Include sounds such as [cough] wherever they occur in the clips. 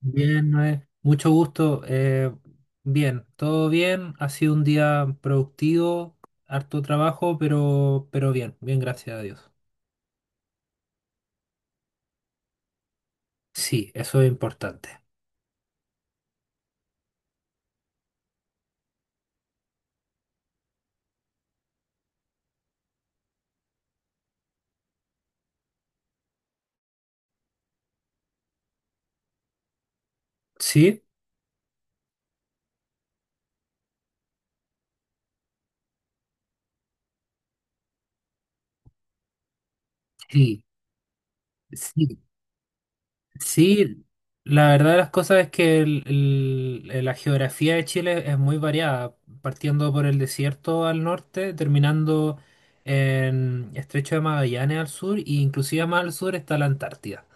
Bien, Noé. Mucho gusto. Bien, todo bien. Ha sido un día productivo, harto trabajo, pero bien, bien, gracias a Dios. Sí, eso es importante. ¿Sí? Sí, sí. Sí, la verdad de las cosas es que la geografía de Chile es muy variada, partiendo por el desierto al norte, terminando en Estrecho de Magallanes al sur, e inclusive más al sur está la Antártida.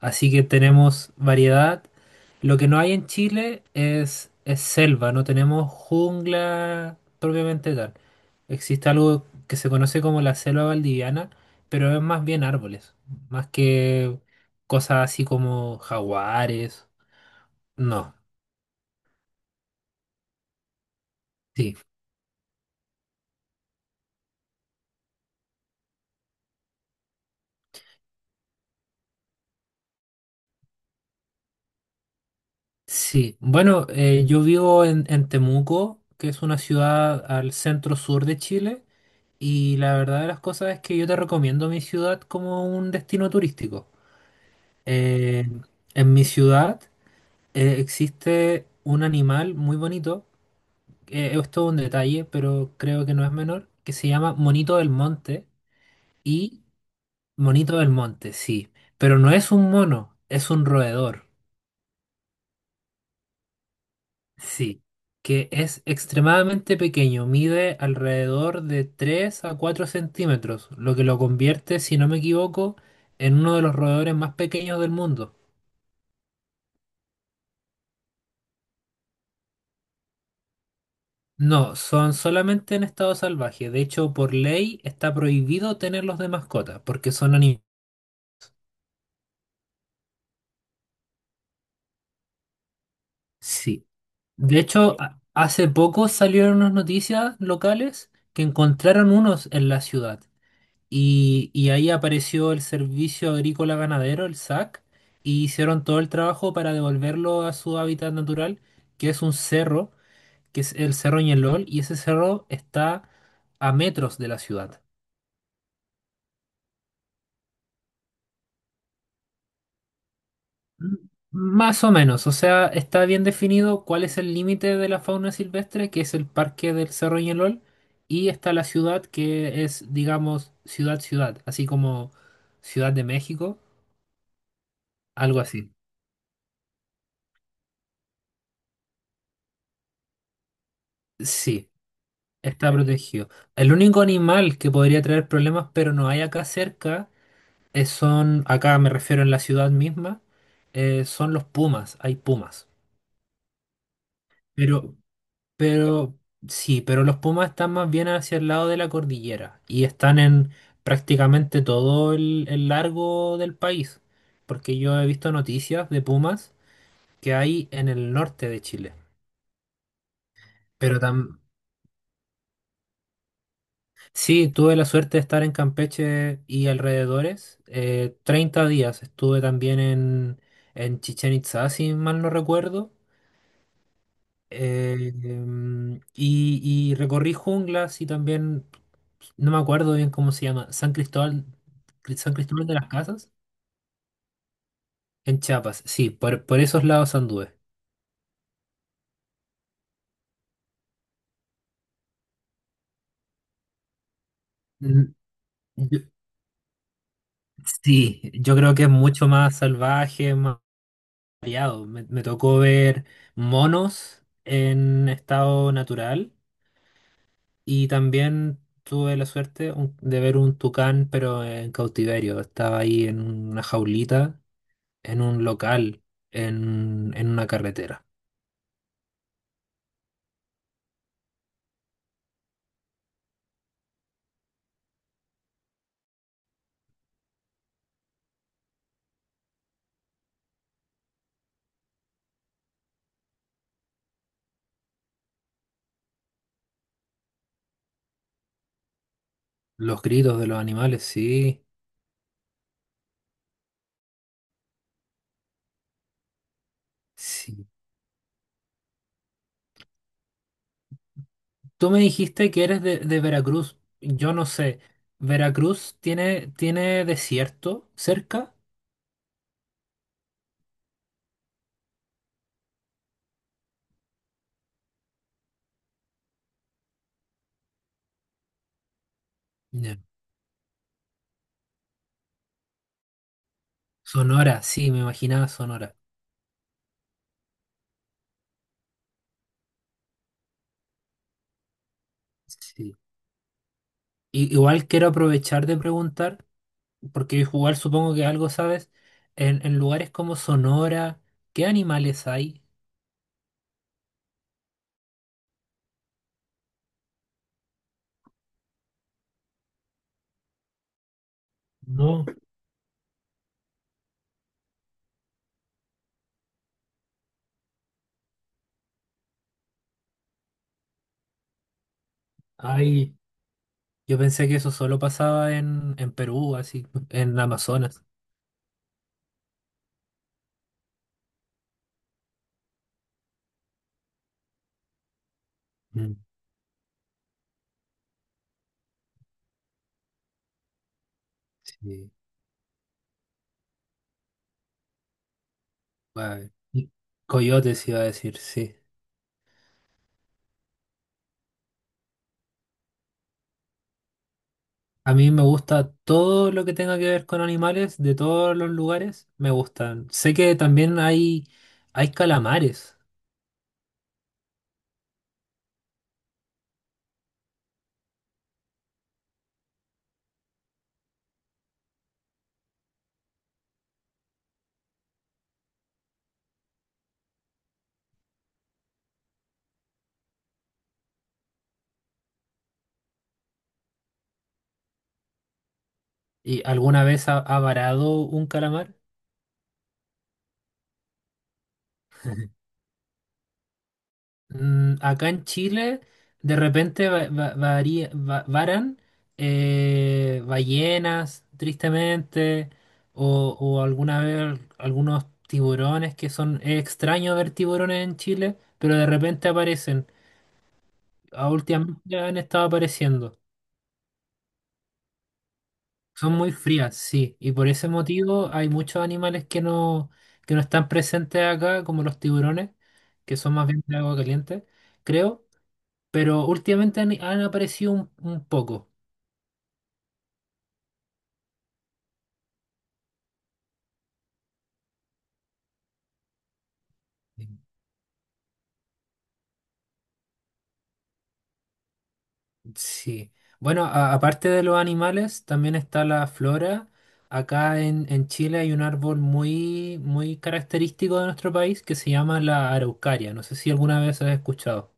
Así que tenemos variedad. Lo que no hay en Chile es selva, no tenemos jungla propiamente tal. Existe algo que se conoce como la selva valdiviana, pero es más bien árboles, más que cosas así como jaguares. No, sí, sí. Bueno, yo vivo en Temuco, que es una ciudad al centro sur de Chile, y la verdad de las cosas es que yo te recomiendo mi ciudad como un destino turístico. Eh, en mi ciudad existe un animal muy bonito. Esto es todo un detalle, pero creo que no es menor, que se llama Monito del Monte, y Monito del Monte, sí, pero no es un mono, es un roedor. Sí, que es extremadamente pequeño, mide alrededor de 3 a 4 centímetros, lo que lo convierte, si no me equivoco, en uno de los roedores más pequeños del mundo. No, son solamente en estado salvaje. De hecho, por ley está prohibido tenerlos de mascota porque son animales. Sí. De hecho, hace poco salieron unas noticias locales que encontraron unos en la ciudad. Y ahí apareció el Servicio Agrícola Ganadero, el SAC, y hicieron todo el trabajo para devolverlo a su hábitat natural, que es un cerro, que es el Cerro Ñelol, y ese cerro está a metros de la ciudad. M- Más o menos, o sea, está bien definido cuál es el límite de la fauna silvestre, que es el parque del Cerro Ñelol, y está la ciudad, que es, digamos, ciudad-ciudad, así como Ciudad de México, algo así. Sí. Está protegido. El único animal que podría traer problemas, pero no hay acá cerca, acá me refiero en la ciudad misma, son los pumas, hay pumas. Pero, pero, sí, pero los pumas están más bien hacia el lado de la cordillera y están en prácticamente todo el largo del país, porque yo he visto noticias de pumas que hay en el norte de Chile, pero también… Sí, tuve la suerte de estar en Campeche y alrededores. 30 días estuve también en, Chichén Itzá, si mal no recuerdo. Y recorrí junglas y también, no me acuerdo bien cómo se llama, San Cristóbal de las Casas, en Chiapas. Sí, por esos lados anduve. Mm, yo- sí, yo creo que es mucho más salvaje, más variado. Me tocó ver monos en estado natural y también tuve la suerte de ver un tucán, pero en cautiverio. Estaba ahí en una jaulita, en un local, en, una carretera. Los gritos de los animales, sí, sí. Tú me dijiste que eres de Veracruz. Yo no sé. ¿Veracruz tiene desierto cerca? Ya. Sonora, sí, me imaginaba Sonora. Sí. Igual quiero aprovechar de preguntar, porque igual supongo que algo sabes, en, lugares como Sonora, ¿qué animales hay? No, hay. Yo pensé que eso solo pasaba en Perú, así, en Amazonas. Mm, sí, vale. Y coyotes iba a decir, sí. A mí me gusta todo lo que tenga que ver con animales, de todos los lugares, me gustan. Sé que también hay calamares. ¿Y alguna vez ha varado un calamar? Acá en Chile, de repente varan ballenas, tristemente, o alguna vez algunos tiburones, que son es extraño ver tiburones en Chile, pero de repente aparecen. A Últimamente han estado apareciendo. Son muy frías, sí, y por ese motivo hay muchos animales que no están presentes acá, como los tiburones, que son más bien de agua caliente, creo. Pero últimamente han aparecido un poco. Sí. Bueno, aparte de los animales, también está la flora. Acá en, Chile hay un árbol muy, muy característico de nuestro país que se llama la araucaria. No sé si alguna vez has escuchado.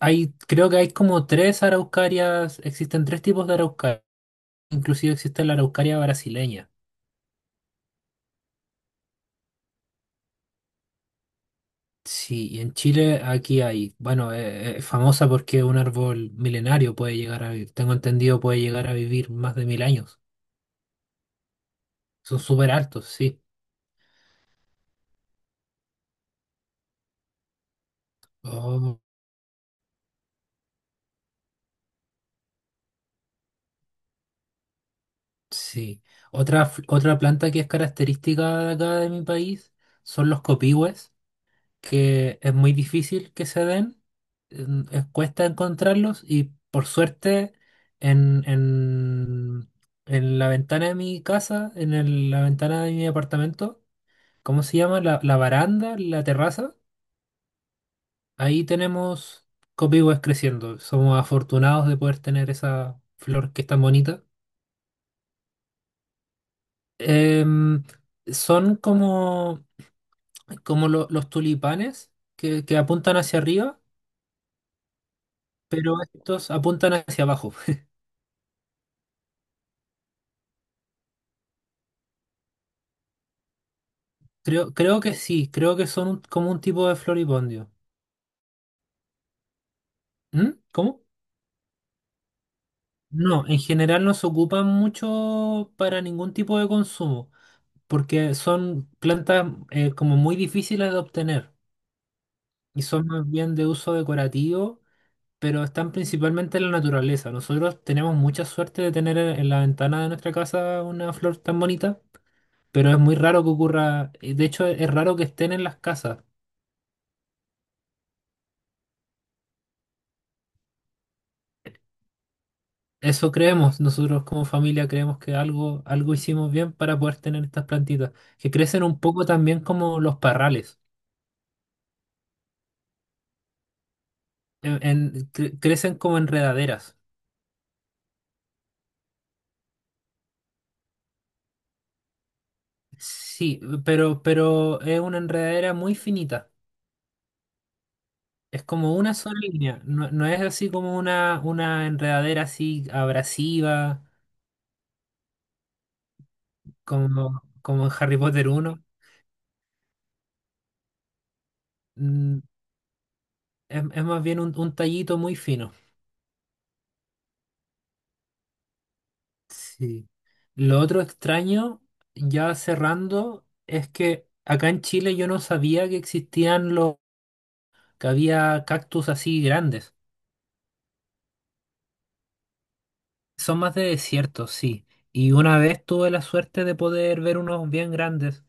Hay, creo que hay como tres araucarias, existen tres tipos de araucaria. Inclusive existe la araucaria brasileña. Sí, y en Chile aquí hay, bueno, es famosa porque es un árbol milenario, puede llegar a vivir, tengo entendido, puede llegar a vivir más de 1.000 años. Son súper altos, sí. Oh, sí. Otra planta que es característica de acá de mi país son los copihues, que es muy difícil que se den, cuesta encontrarlos y por suerte en, en, en la ventana de mi casa, en la ventana de mi apartamento, ¿cómo se llama? La baranda, la terraza. Ahí tenemos copihue creciendo. Somos afortunados de poder tener esa flor que es tan bonita. Em, Son como los tulipanes que apuntan hacia arriba, pero estos apuntan hacia abajo. [laughs] Creo que sí, creo que son como un tipo de floripondio. ¿Mm? ¿Cómo? No, en general no se ocupan mucho para ningún tipo de consumo, porque son plantas como muy difíciles de obtener y son más bien de uso decorativo, pero están principalmente en la naturaleza. Nosotros tenemos mucha suerte de tener en la ventana de nuestra casa una flor tan bonita, pero es muy raro que ocurra, y de hecho es raro que estén en las casas. Eso creemos, nosotros como familia creemos que algo hicimos bien para poder tener estas plantitas, que crecen un poco también como los parrales, crecen como enredaderas. Sí, pero es una enredadera muy finita. Es como una sola línea. No, no es así como una enredadera así abrasiva, como en Harry Potter uno, Mm, es más bien un tallito muy fino. Sí. Lo otro extraño, ya cerrando, es que acá en Chile yo no sabía que existían que había cactus así grandes. Son más de desierto, sí. Y una vez tuve la suerte de poder ver unos bien grandes,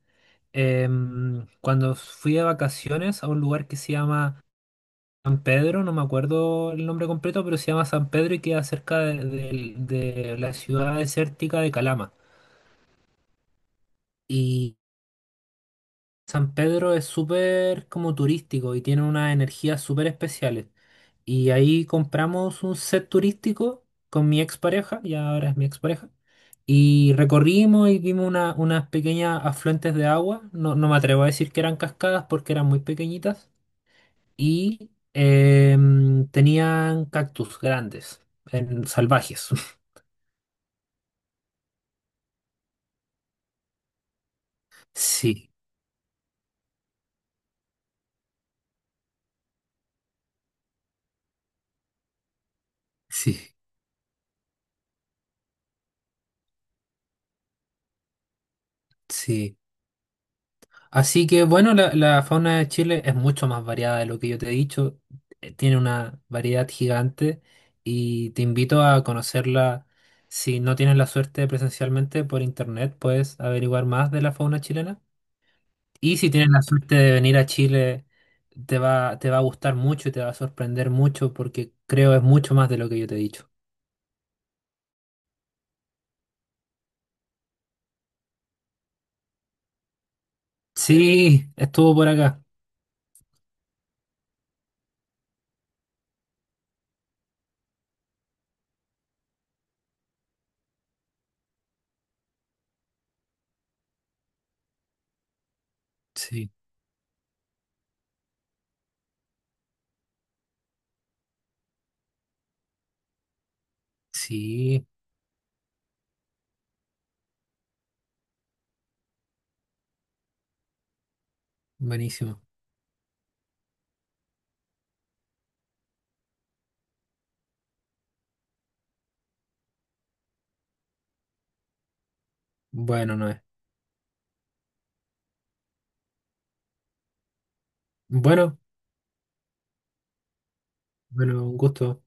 Cuando fui de vacaciones a un lugar que se llama San Pedro, no me acuerdo el nombre completo, pero se llama San Pedro y queda cerca de la ciudad desértica de Calama. Y San Pedro es súper como turístico y tiene unas energías súper especiales. Y ahí compramos un set turístico con mi expareja, y ahora es mi expareja. Y recorrimos y vimos unas pequeñas afluentes de agua. No, no me atrevo a decir que eran cascadas porque eran muy pequeñitas y tenían cactus grandes, salvajes. [laughs] Sí, sí, sí. Así que bueno, la fauna de Chile es mucho más variada de lo que yo te he dicho. Tiene una variedad gigante y te invito a conocerla. Si no tienes la suerte presencialmente, por internet puedes averiguar más de la fauna chilena. Y si tienes la suerte de venir a Chile, te va a gustar mucho y te va a sorprender mucho porque creo es mucho más de lo que yo te he dicho. Sí, estuvo por acá. Sí, sí, buenísimo. Bueno, no es. Bueno, bueno, un gusto.